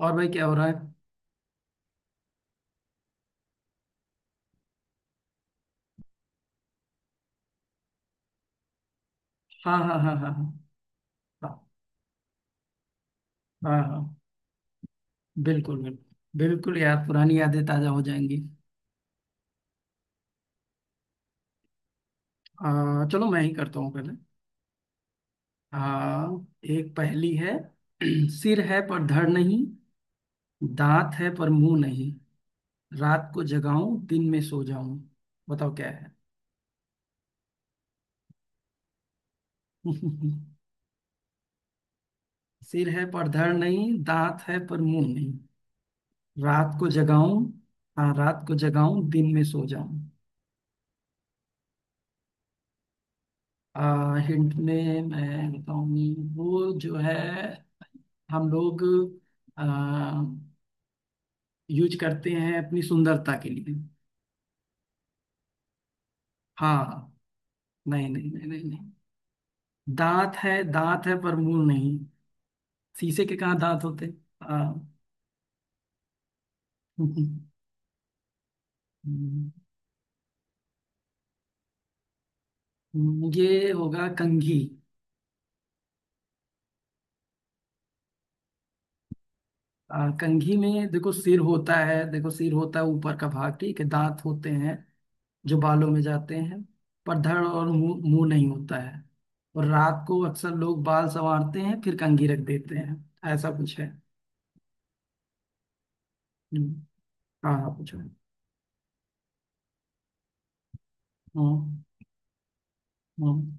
और भाई क्या हो रहा है? हाँ हाँ हाँ हाँ। हाँ हाँ हाँ हाँ, बिल्कुल बिल्कुल। बिल्कुल यार, पुरानी यादें ताजा हो जाएंगी। चलो मैं ही करता हूँ पहले। हाँ। एक पहेली है। सिर है पर धड़ नहीं। दांत है पर मुंह नहीं। रात को जगाऊं दिन में सो जाऊं। बताओ क्या है? सिर है पर धड़ नहीं, दांत है पर मुंह नहीं। रात को जगाऊं। हाँ, रात को जगाऊं दिन में सो जाऊं। हिंट में मैं बताऊंगी वो जो है। हम लोग यूज करते हैं अपनी सुंदरता के लिए। हाँ। नहीं नहीं नहीं नहीं नहीं। दांत है, दांत है पर मुंह नहीं। शीशे के कहाँ दांत होते? हाँ। ये होगा कंघी। कंघी में देखो सिर होता है, देखो सिर होता है, ऊपर का भाग, ठीक है, दांत होते हैं जो बालों में जाते हैं, पर धड़ और मुंह, मुंह नहीं होता है। और रात को अक्सर लोग बाल संवारते हैं, फिर कंघी रख देते हैं। ऐसा कुछ है। हम्म। हाँ हाँ, पूछो। हम्म हम्म।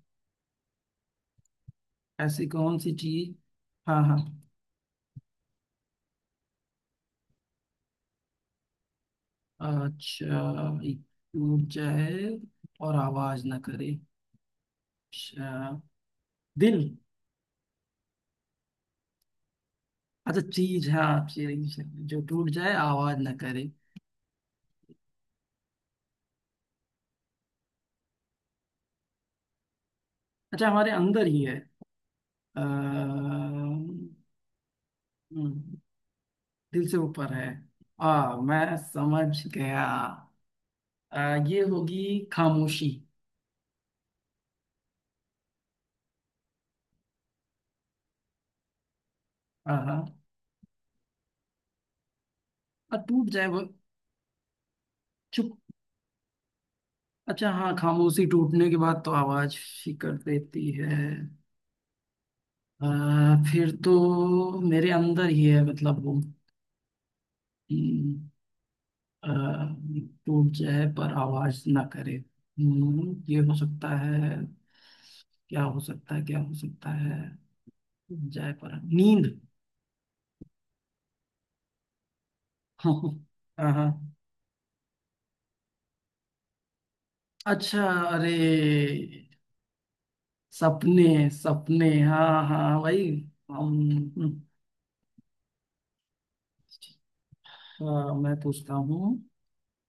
ऐसी कौन सी चीज? हाँ हाँ। अच्छा, एक टूट जाए और आवाज ना करे। अच्छा। दिल। अच्छा चीज, हाँ चीज जो टूट जाए आवाज ना करे। अच्छा, हमारे अंदर ही है। आ, दिल से ऊपर है। आ मैं समझ गया। ये होगी खामोशी। हाँ हाँ। टूट जाए वो। चुप। अच्छा हाँ, खामोशी टूटने के बाद तो आवाज ही कर देती है। अ, फिर तो मेरे अंदर ही है, मतलब वो। कि, अ, टूट जाए पर आवाज ना करे। ये हो सकता है। क्या हो सकता है, क्या हो सकता है? टूट जाए पर नींद। हाँ हाँ। अच्छा। अरे। सपने। सपने, हाँ हाँ भाई। हम। हाँ, मैं पूछता हूँ।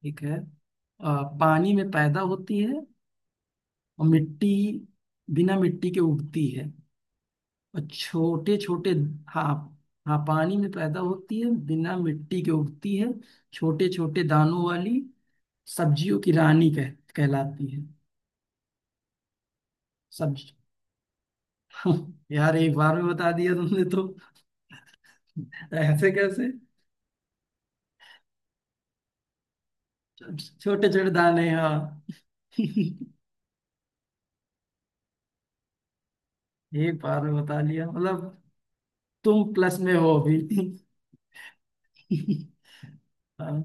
ठीक है। पानी में पैदा होती है और मिट्टी बिना मिट्टी के उगती है, और छोटे छोटे। हाँ हाँ, पानी में पैदा होती है, बिना मिट्टी के उगती है, छोटे छोटे दानों वाली, सब्जियों की रानी कह कहलाती है। सब्जी। यार, एक बार में बता दिया तुमने तो। ऐसे कैसे? छोटे छोटे दाने, हाँ। एक बार में बता लिया मतलब। तुम प्लस में हो अभी। हाँ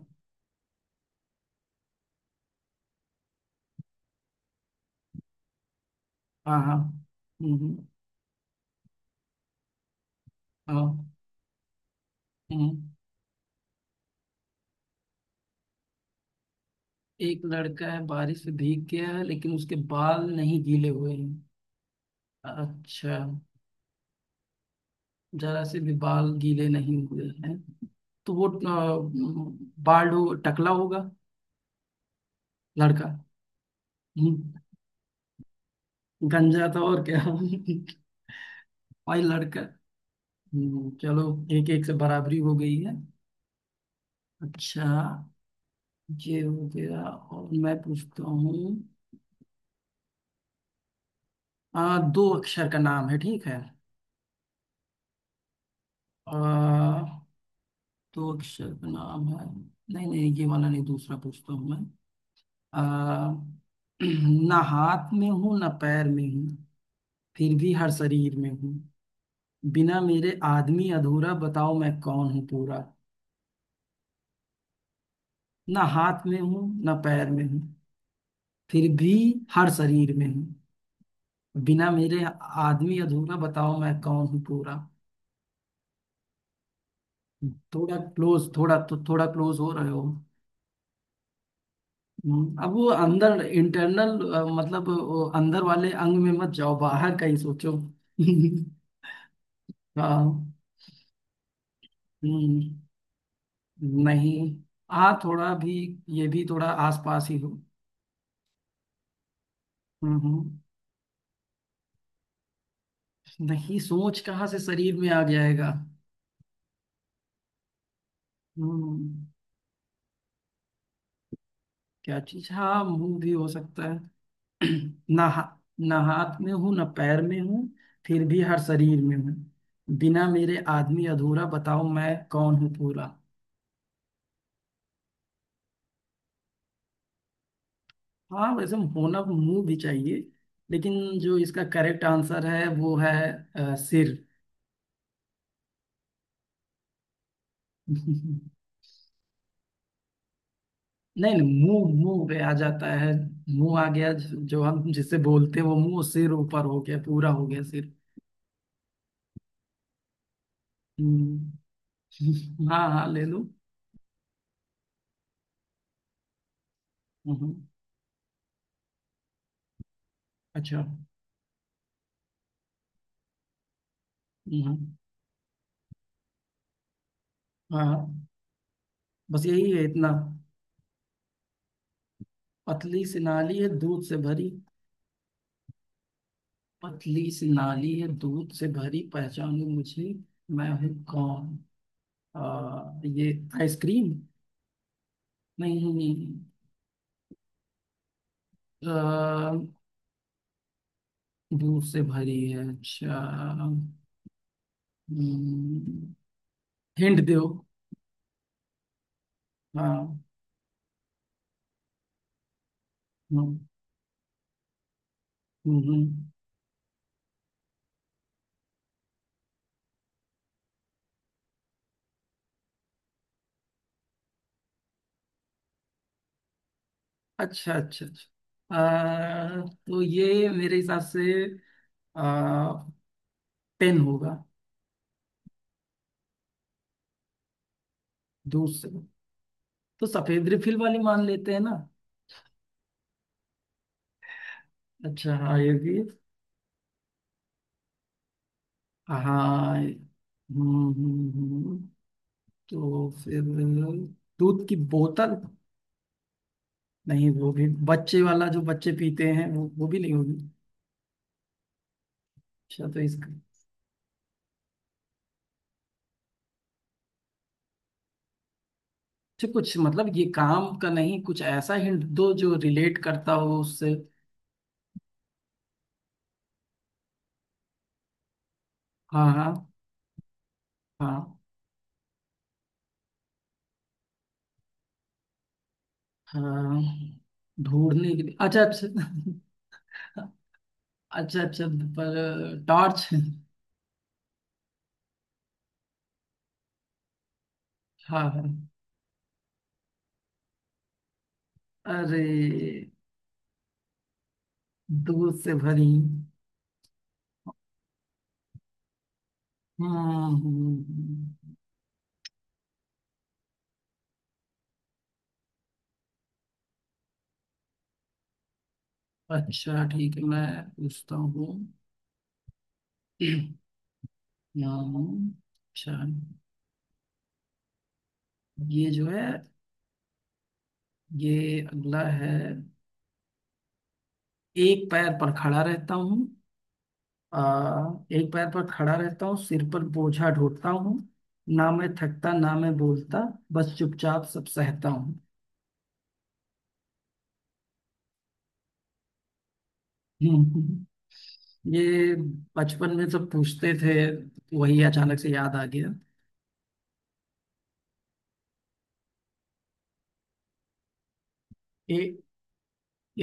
हाँ। हाँ। हम्म। हाँ। हैं। एक लड़का है, बारिश से भीग गया है, लेकिन उसके बाल नहीं गीले हुए हैं। अच्छा, जरा से भी बाल गीले नहीं हुए हैं। तो वो बाल हो, टकला होगा लड़का। हम्म, गंजा था और क्या? भाई लड़का। चलो। एक एक से बराबरी हो गई है। अच्छा, ये हो गया और मैं पूछता हूँ। दो अक्षर का नाम है, ठीक है। आ, दो अक्षर का नाम है। नहीं नहीं, ये वाला नहीं, दूसरा पूछता हूँ मैं। आ, ना हाथ में हूँ ना पैर में हूँ। फिर भी हर शरीर में हूँ। बिना मेरे आदमी अधूरा, बताओ मैं कौन हूँ पूरा? ना हाथ में हूँ ना पैर में हूँ, फिर भी हर शरीर में हूँ, बिना मेरे आदमी अधूरा, बताओ मैं कौन हूँ पूरा? थोड़ा क्लोज, थोड़ा तो थोड़ा क्लोज हो रहे हो। अब वो अंदर इंटरनल, मतलब वो अंदर वाले अंग में मत जाओ, बाहर का ही सोचो। हाँ। हम्म। नहीं। आ थोड़ा भी ये भी थोड़ा आसपास ही हो। हम्म। नहीं, सोच कहाँ से शरीर में आ जाएगा? हम्म। क्या चीज, हाँ मुंह भी हो सकता है। ना हा- ना हाथ में हूँ ना पैर में हूँ। फिर भी हर शरीर में हूँ। बिना मेरे आदमी अधूरा, बताओ मैं कौन हूँ पूरा। हाँ, वैसे होना मुंह भी चाहिए, लेकिन जो इसका करेक्ट आंसर है वो है सिर। नहीं नहीं, मुंह, मुंह पे आ जाता है। मुंह आ गया, जो जो हम जिसे बोलते हैं वो मुंह, सिर ऊपर हो गया, पूरा हो गया सिर। हम्म। हाँ हाँ, ले लो। हम्म। अच्छा। हम्म। हाँ हाँ। बस यही है इतना। पतली सी नाली है दूध से भरी। पतली सी नाली है दूध से भरी, पहचानो मुझे मैं हूँ कौन? ये आइसक्रीम? नहीं नहीं। आ, दूर से भरी है, अच्छा। हम्म। हिंट दो। हाँ हाँ। हम्म, हम्म। अच्छा अच्छा अच्छा। तो ये मेरे हिसाब से आ, पेन होगा। दूर से, तो सफेद रिफिल वाली मान लेते हैं ना। अच्छा हाँ, ये भी। हाँ, हम्म। तो फिर दूध की बोतल? नहीं, वो भी बच्चे वाला, जो बच्चे पीते हैं वो भी नहीं होगी। अच्छा तो इस अच्छा, कुछ मतलब ये काम का नहीं, कुछ ऐसा हिंट दो जो रिलेट करता हो उससे। हाँ हाँ हाँ हाँ। ढूंढने के लिए, अच्छा अच्छा अच्छा। अच्छा पर टॉर्च? हाँ हाँ। अरे। दूध से भरी। हम्म। अच्छा ठीक है, मैं पूछता हूँ। हम्म, अच्छा। ये जो है, ये अगला है। एक पैर पर खड़ा रहता हूँ। एक पैर पर खड़ा रहता हूँ, सिर पर बोझा ढोता हूँ। ना मैं थकता ना मैं बोलता, बस चुपचाप सब सहता हूँ। हम्म। ये बचपन में सब पूछते थे, वही अचानक से याद आ गया। एक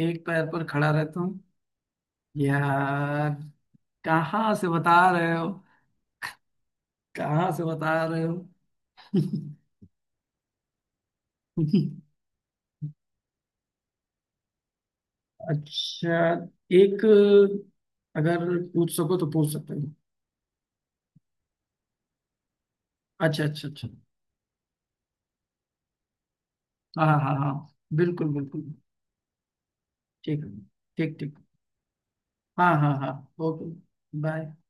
एक पैर पर खड़ा रहता हूँ। यार, कहाँ से बता रहे हो? कहाँ से बता रहे हो? अच्छा एक, अगर पूछ सको तो पूछ सकते हो। अच्छा अच्छा अच्छा। हाँ हाँ हाँ, बिल्कुल बिल्कुल। ठीक है। ठीक ठीक। हाँ हाँ हाँ। ओके। बाय।